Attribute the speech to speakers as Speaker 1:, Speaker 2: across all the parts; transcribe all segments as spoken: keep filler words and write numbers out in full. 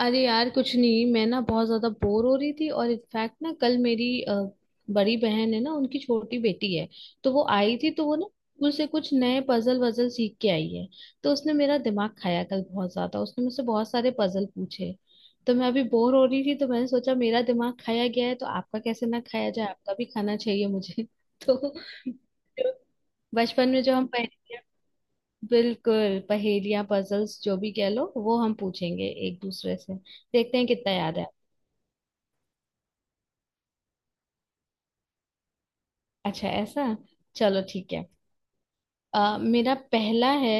Speaker 1: अरे यार कुछ नहीं। मैं ना बहुत ज्यादा बोर हो रही थी। और इनफैक्ट ना, कल मेरी अ, बड़ी बहन है ना, उनकी छोटी बेटी है, तो वो आई थी। तो वो ना स्कूल से कुछ नए पजल वजल सीख के आई है। तो उसने मेरा दिमाग खाया कल बहुत ज्यादा। उसने मुझसे बहुत सारे पजल पूछे। तो मैं अभी बोर हो रही थी, तो मैंने सोचा मेरा दिमाग खाया गया है तो आपका कैसे ना खाया जाए, आपका भी खाना चाहिए मुझे। तो बचपन में जो हम पहेलियां, बिल्कुल पहेलियां पजल्स जो भी कह लो, वो हम पूछेंगे एक दूसरे से, देखते हैं कितना याद है। अच्छा ऐसा। चलो ठीक है। अ, मेरा पहला है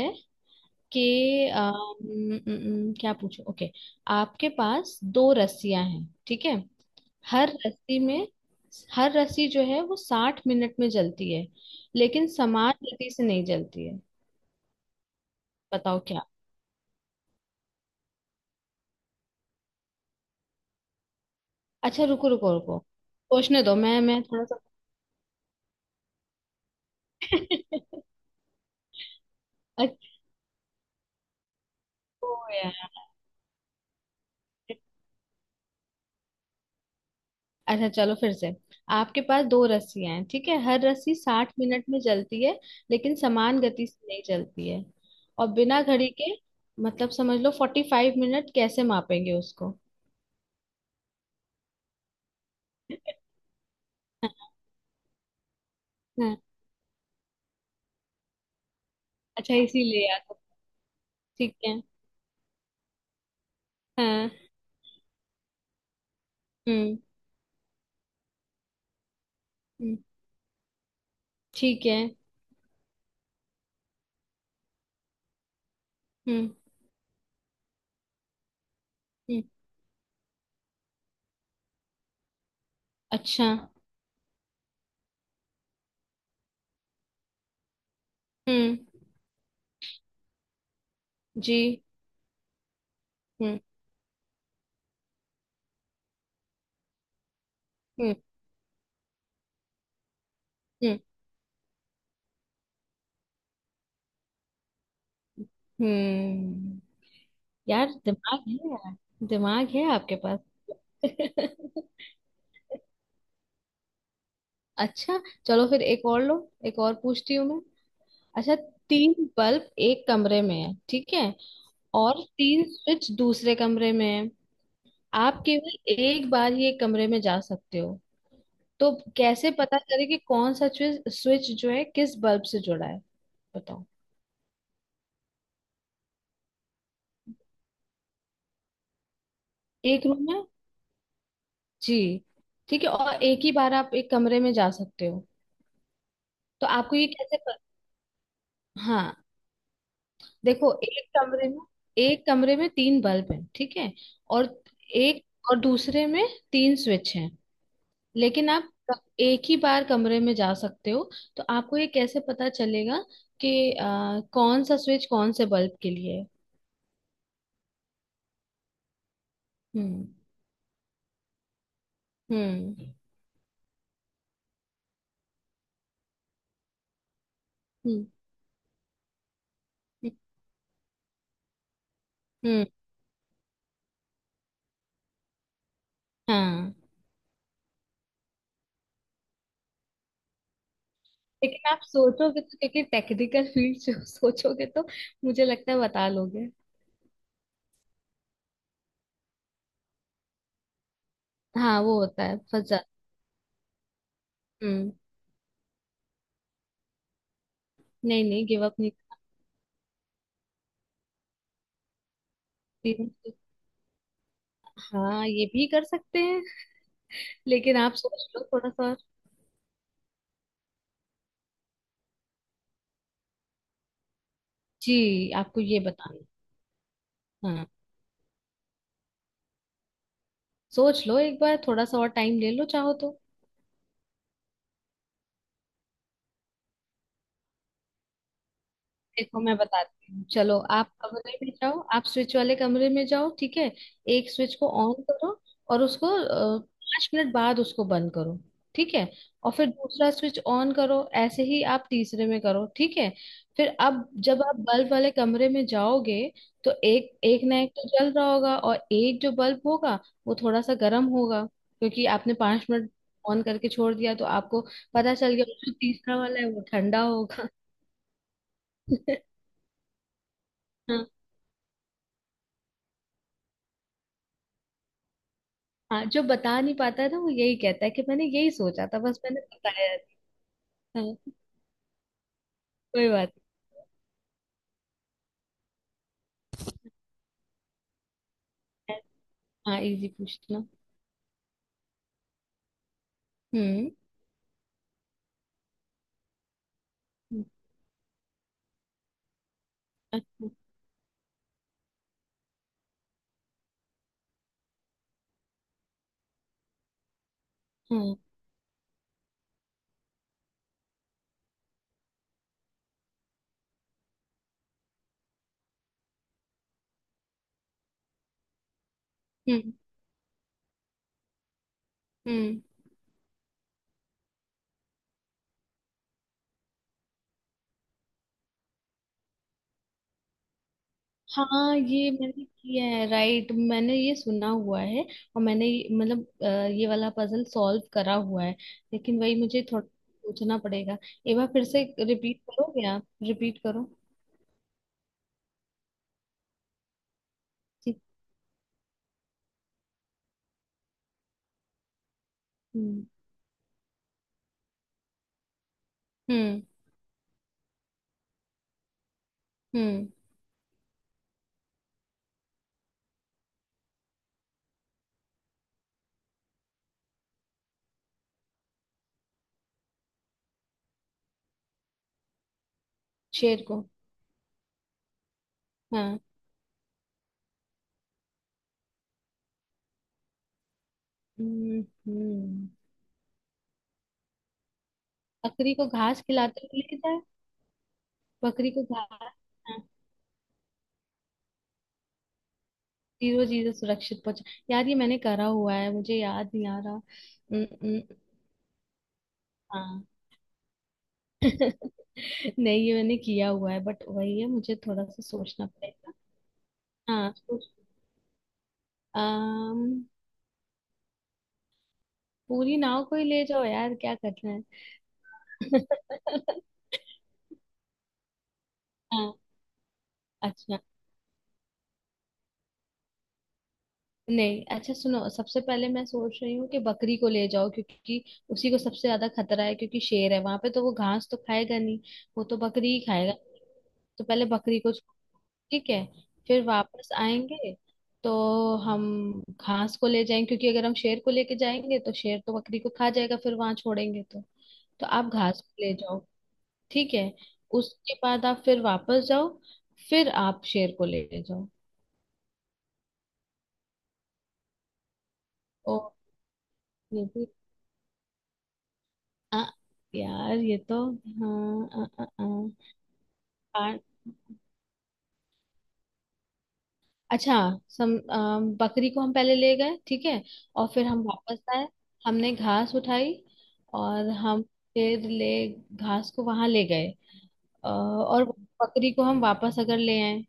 Speaker 1: कि अ, न- न- न- क्या पूछूं। ओके, आपके पास दो रस्सियां हैं, ठीक है। हर रस्सी में, हर रस्सी जो है वो साठ मिनट में जलती है। लेकिन समान गति से नहीं जलती है। बताओ क्या। अच्छा रुको रुको रुको, सोचने दो। मैं मैं थोड़ा सा। अच्छा। ओ यार। अच्छा चलो फिर से। आपके पास दो रस्सियां हैं, ठीक है। हर रस्सी साठ मिनट में चलती है। लेकिन समान गति से नहीं चलती है। और बिना घड़ी के, मतलब समझ लो फोर्टी फाइव मिनट कैसे मापेंगे उसको। हाँ। अच्छा, इसीलिए याद है। ठीक है। हाँ। हम्म। हम्म, ठीक है। हम्म। हम्म, अच्छा। हम्म। जी। हम्म। हम्म। हम्म। हम्म। यार दिमाग है यार। दिमाग है आपके पास। अच्छा, चलो फिर एक और लो। एक और पूछती हूँ मैं। अच्छा, तीन बल्ब एक कमरे में है, ठीक है। और तीन स्विच दूसरे कमरे में है। आप केवल एक बार ही एक कमरे में जा सकते हो। तो कैसे पता करें कि कौन सा स्विच स्विच जो है किस बल्ब से जुड़ा है। बताओ। एक रूम में, जी, ठीक है। और एक ही बार आप एक कमरे में जा सकते हो। तो आपको ये कैसे पता। हाँ, देखो एक कमरे में, एक कमरे में तीन बल्ब हैं, ठीक है। और एक, और दूसरे में तीन स्विच हैं। लेकिन आप क- एक ही बार कमरे में जा सकते हो। तो आपको ये कैसे पता चलेगा कि आ, कौन सा स्विच कौन से बल्ब के लिए है। हम्म। हम्म। हम्म। हम्म। हाँ। लेकिन आप सोचोगे तो, क्योंकि टेक्निकल फील्ड से हो, सोचोगे तो मुझे लगता है बता लोगे। हाँ वो होता है फंस जा। हम्म। नहीं नहीं, गिव अप नहीं। करती हूँ। हाँ ये भी कर सकते हैं। लेकिन आप सोच लो थोड़ा सा। जी, आपको ये बताना। हाँ, सोच लो एक बार, थोड़ा सा और टाइम ले लो चाहो तो। देखो मैं बताती हूँ। चलो आप कमरे में जाओ, आप स्विच वाले कमरे में जाओ, ठीक है। एक स्विच को ऑन करो और उसको अ, पाँच मिनट बाद उसको बंद करो, ठीक है। और फिर दूसरा स्विच ऑन करो, ऐसे ही आप तीसरे में करो, ठीक है। फिर अब जब आप बल्ब वाले कमरे में जाओगे, तो एक एक ना, एक तो जल रहा होगा, और एक जो बल्ब होगा वो थोड़ा सा गर्म होगा, क्योंकि आपने पाँच मिनट ऑन करके छोड़ दिया। तो आपको पता चल गया, जो तीसरा वाला है वो ठंडा होगा। हाँ, जो बता नहीं पाता है ना, वो यही कहता है कि मैंने यही सोचा था बस मैंने बताया। नहीं। हाँ। कोई बात नहीं। हाँ, इजी पूछना। हम्म। हम्म, अच्छा। हाँ। हम्म। हम्म। हाँ ये मैंने किया है, राइट, मैंने ये सुना हुआ है। और मैंने ये, मतलब अ, ये वाला पजल सॉल्व करा हुआ है। लेकिन वही, मुझे थोड़ा सोचना पड़ेगा। एक बार फिर से रिपीट करोगे, आप रिपीट करो। ठीक। हम्म। हम्म। हम्म। शेर को। हाँ। हम्म। हम्म। बकरी को घास खिलाते हुए ले जाए। बकरी को घास। हाँ। जीरो जीरो सुरक्षित पहुंचा। यार ये मैंने करा हुआ है, मुझे याद नहीं आ रहा। उम, उम, हाँ। नहीं ये मैंने किया हुआ है, बट वही है, मुझे थोड़ा सा सोचना पड़ेगा। हाँ सोच- अम, पूरी नाव को ही ले जाओ यार, क्या करना है। हाँ। अच्छा। नहीं, अच्छा सुनो, सबसे पहले मैं सोच रही हूँ कि बकरी को ले जाओ, क्योंकि उसी को सबसे ज्यादा खतरा है। क्योंकि शेर है वहां पे, तो वो घास तो खाएगा नहीं, वो तो बकरी ही खाएगा। तो पहले बकरी को छोड़-, ठीक है, फिर वापस आएंगे। तो हम घास को ले जाएंगे, क्योंकि अगर हम शेर को लेके जाएंगे तो शेर तो बकरी को खा जाएगा, फिर वहां छोड़ेंगे तो। तो आप घास को ले जाओ, ठीक है। उसके बाद आप फिर वापस जाओ, फिर आप शेर को ले जाओ। ओ, आ, यार ये तो, हाँ। आ, आ, आ, आ, अच्छा। सम आ, बकरी को हम पहले ले गए, ठीक है। और फिर हम वापस आए, हमने घास उठाई। और हम फिर ले, घास को वहां ले गए। अ, और बकरी को हम वापस अगर ले आए,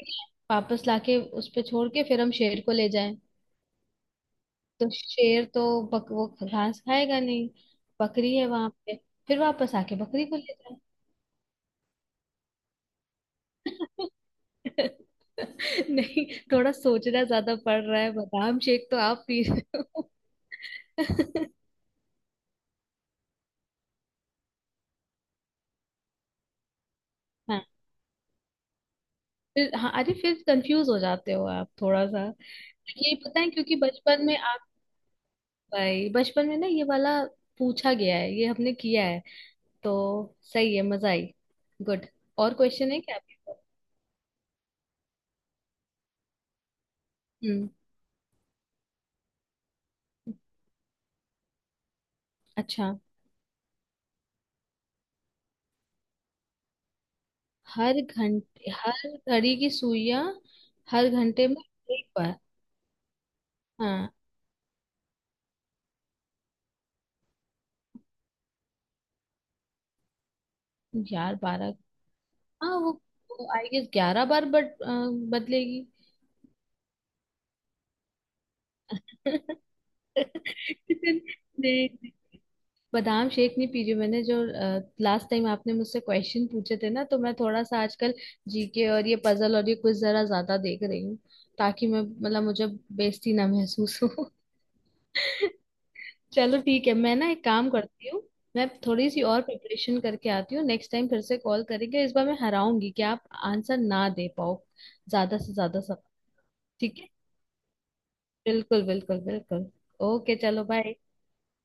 Speaker 1: ठीक है? वापस लाके उस पे छोड़ के फिर हम शेर को ले जाएं। तो शेर तो बक, वो घास खाएगा नहीं, बकरी है वहां पे। फिर वापस आके बकरी को ले जाए। नहीं, थोड़ा सोचना ज्यादा पड़ रहा है। बादाम शेक तो आप पी रहे हो। हाँ, फिर हाँ, अरे फिर कंफ्यूज हो जाते हो आप थोड़ा सा। ये पता है, क्योंकि बचपन में आप, भाई बचपन में ना ये वाला पूछा गया है, ये हमने किया है। तो सही है, मजा आई। गुड। और क्वेश्चन है क्या आपके पास? हम्म। अच्छा। हर घंटे, हर घड़ी की सुइयां। हर घंटे में एक बार। हाँ। यार बारह, हाँ वो, वो आई गेस ग्यारह बार, बट बदलेगी। नहीं नहीं, बादाम शेक नहीं पी रही हूँ। मैंने जो लास्ट टाइम आपने मुझसे क्वेश्चन पूछे थे ना, तो मैं थोड़ा सा आजकल जीके और ये पजल और ये कुछ जरा ज्यादा देख रही हूँ, ताकि मैं, मतलब मुझे बेइज्जती ना महसूस हो। चलो ठीक है, मैं ना एक काम करती हूँ। मैं थोड़ी सी और प्रिपरेशन करके आती हूँ। नेक्स्ट टाइम फिर से कॉल करेंगे, इस बार मैं हराऊंगी कि आप आंसर ना दे पाओ, ज्यादा से ज्यादा सब। ठीक है, बिल्कुल बिल्कुल बिल्कुल। ओके चलो, बाय।